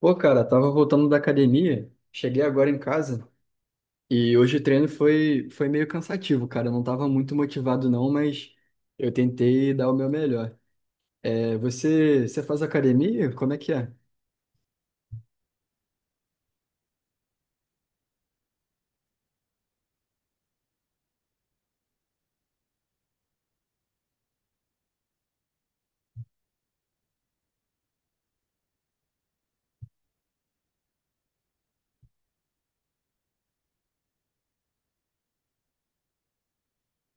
Pô, cara, tava voltando da academia, cheguei agora em casa e hoje o treino foi meio cansativo, cara. Eu não tava muito motivado não, mas eu tentei dar o meu melhor. É, você faz academia? Como é que é?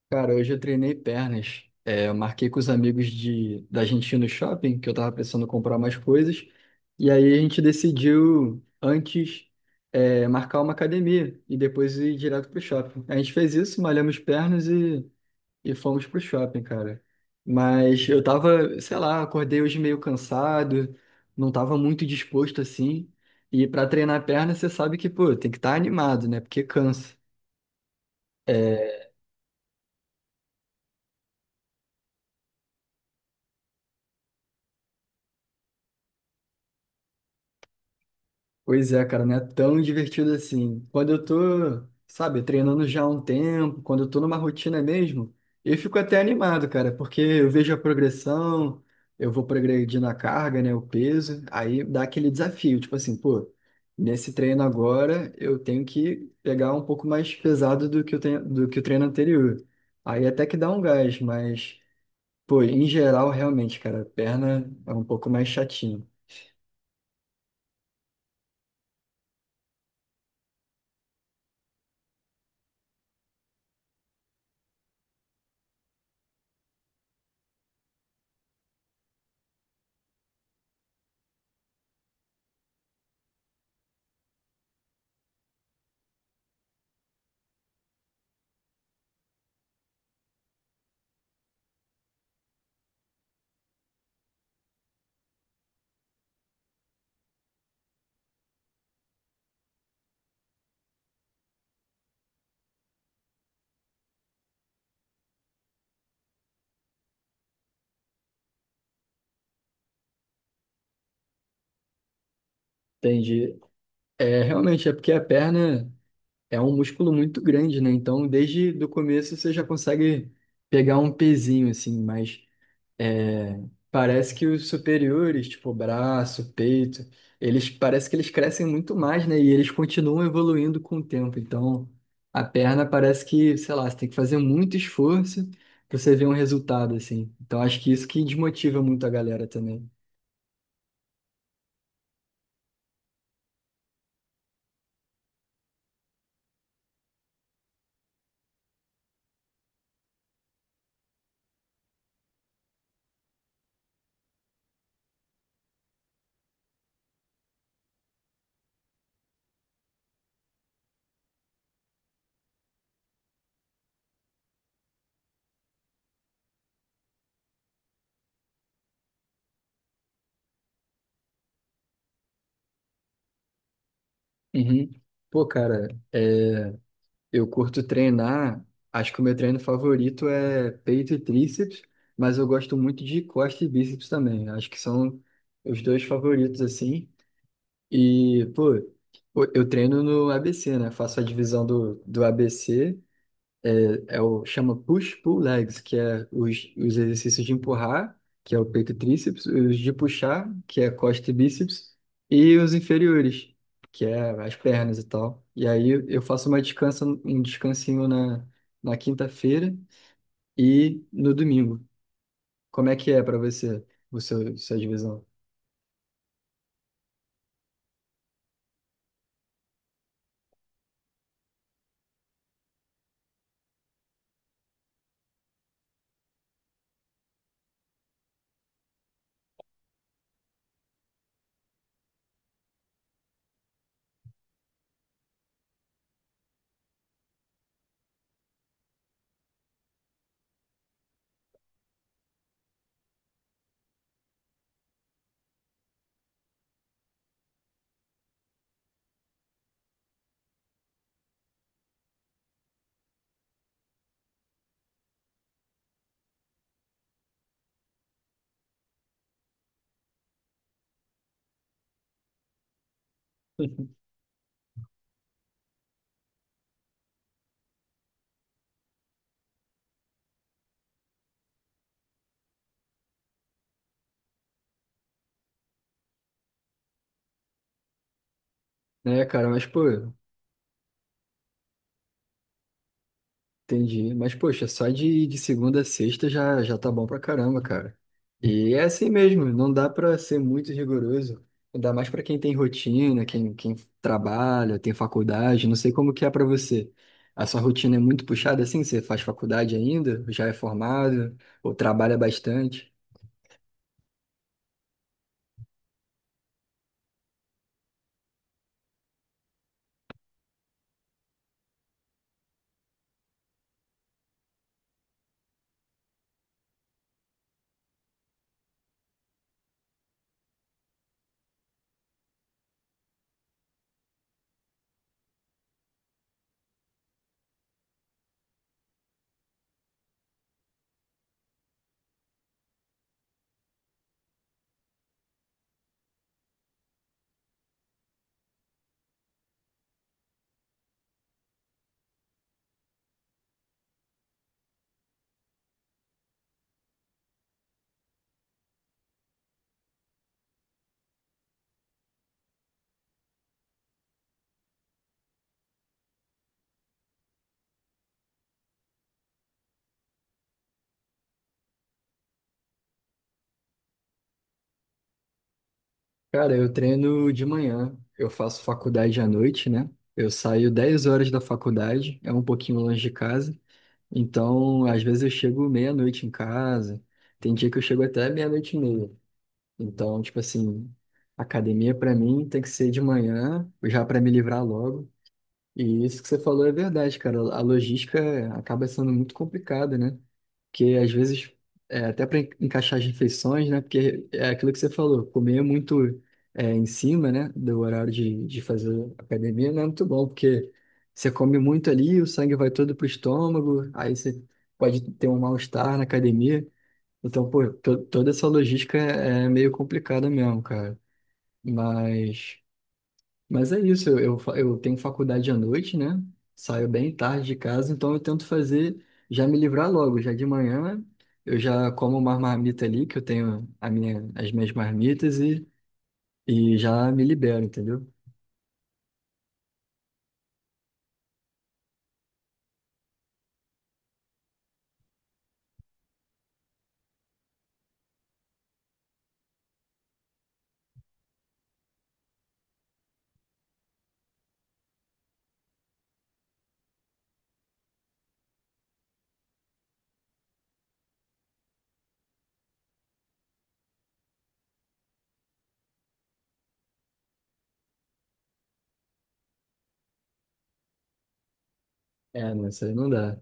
Cara, hoje eu treinei pernas. É, eu marquei com os amigos da gente ir no shopping, que eu tava precisando comprar mais coisas. E aí a gente decidiu antes, marcar uma academia e depois ir direto pro shopping. A gente fez isso, malhamos pernas e fomos pro shopping, cara. Mas eu tava, sei lá, acordei hoje meio cansado, não tava muito disposto assim. E pra treinar a perna, você sabe que, pô, tem que estar animado, né? Porque cansa. É, pois é, cara, não é tão divertido assim. Quando eu tô, sabe, treinando já há um tempo, quando eu tô numa rotina mesmo, eu fico até animado, cara, porque eu vejo a progressão, eu vou progredindo a carga, né, o peso, aí dá aquele desafio, tipo assim, pô, nesse treino agora eu tenho que pegar um pouco mais pesado do que eu tenho, do que o treino anterior. Aí até que dá um gás, mas, pô, em geral, realmente, cara, a perna é um pouco mais chatinho. Entendi. É, realmente, é porque a perna. É um músculo muito grande, né? Então, desde do começo você já consegue pegar um pezinho, assim, mas é, parece que os superiores, tipo braço, peito, eles parece que eles crescem muito mais, né? E eles continuam evoluindo com o tempo. Então, a perna parece que, sei lá, você tem que fazer muito esforço para você ver um resultado, assim. Então, acho que isso que desmotiva muito a galera também. Uhum. Pô, cara, é, Eu curto treinar, acho que o meu treino favorito é peito e tríceps, mas eu gosto muito de costa e bíceps também. Acho que são os dois favoritos, assim. E, pô, eu treino no ABC, né? Faço a divisão do ABC é o, chama push-pull legs, que é os exercícios de empurrar, que é o peito e tríceps, os de puxar, que é costa e bíceps, e os inferiores, que é as pernas e tal. E aí eu faço uma descansa, um descansinho na quinta-feira e no domingo. Como é que é para você, sua divisão? né, cara, mas pô, entendi. Mas, poxa, só de segunda a sexta já tá bom pra caramba, cara. E é assim mesmo, não dá pra ser muito rigoroso. Dá mais pra quem tem rotina, quem trabalha, tem faculdade. Não sei como que é pra você. A sua rotina é muito puxada assim? Você faz faculdade ainda? Já é formado? Ou trabalha bastante? Cara, eu treino de manhã. Eu faço faculdade à noite, né? Eu saio 10 horas da faculdade, é um pouquinho longe de casa. Então, às vezes eu chego meia-noite em casa, tem dia que eu chego até meia-noite e meia. Então, tipo assim, academia pra mim tem que ser de manhã, já pra me livrar logo. E isso que você falou é verdade, cara. A logística acaba sendo muito complicada, né? Que às vezes, é, até para encaixar as refeições, né? Porque é aquilo que você falou, comer é muito em cima, né? Do horário de fazer academia não é muito bom, porque você come muito ali, o sangue vai todo pro estômago, aí você pode ter um mal-estar na academia. Então, pô, toda essa logística é meio complicada mesmo, cara. Mas. Mas é isso, eu tenho faculdade à noite, né? Saio bem tarde de casa, então eu tento fazer, já me livrar logo, já de manhã eu já como uma marmita ali, que eu tenho a minha, as minhas marmitas e já me libero, entendeu? É, não, isso aí não dá.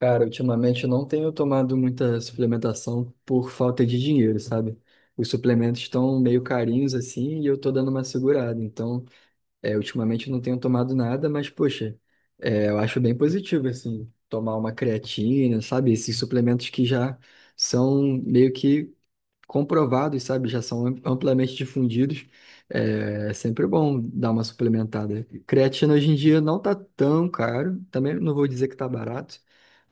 Cara, ultimamente eu não tenho tomado muita suplementação por falta de dinheiro, sabe? Os suplementos estão meio carinhos assim e eu tô dando uma segurada, então é, ultimamente eu não tenho tomado nada, mas, poxa, é, eu acho bem positivo, assim, tomar uma creatina, sabe? Esses suplementos que já são meio que comprovados, sabe? Já são amplamente difundidos. É, é sempre bom dar uma suplementada. Creatina hoje em dia não tá tão caro, também não vou dizer que tá barato,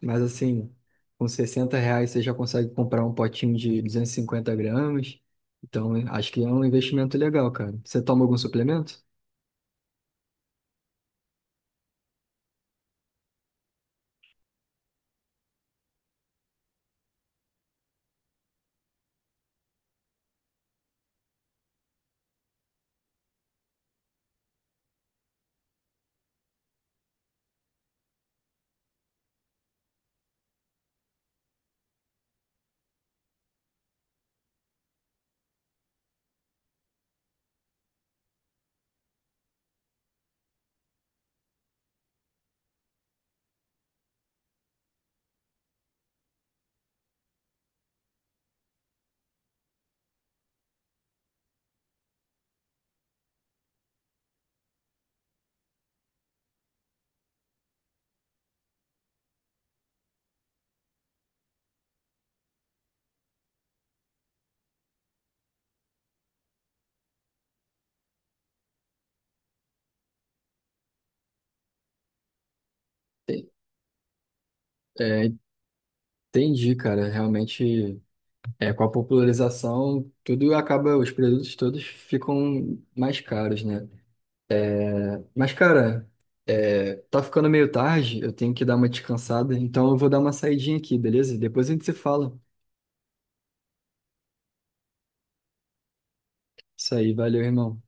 mas, assim, com R$ 60 você já consegue comprar um potinho de 250 gramas. Então, acho que é um investimento legal, cara. Você toma algum suplemento? É, entendi, cara. Realmente, é, com a popularização, tudo acaba, os produtos todos ficam mais caros, né? Mas, cara, é, tá ficando meio tarde, eu tenho que dar uma descansada, então eu vou dar uma saidinha aqui, beleza? Depois a gente se fala. Isso aí, valeu, irmão.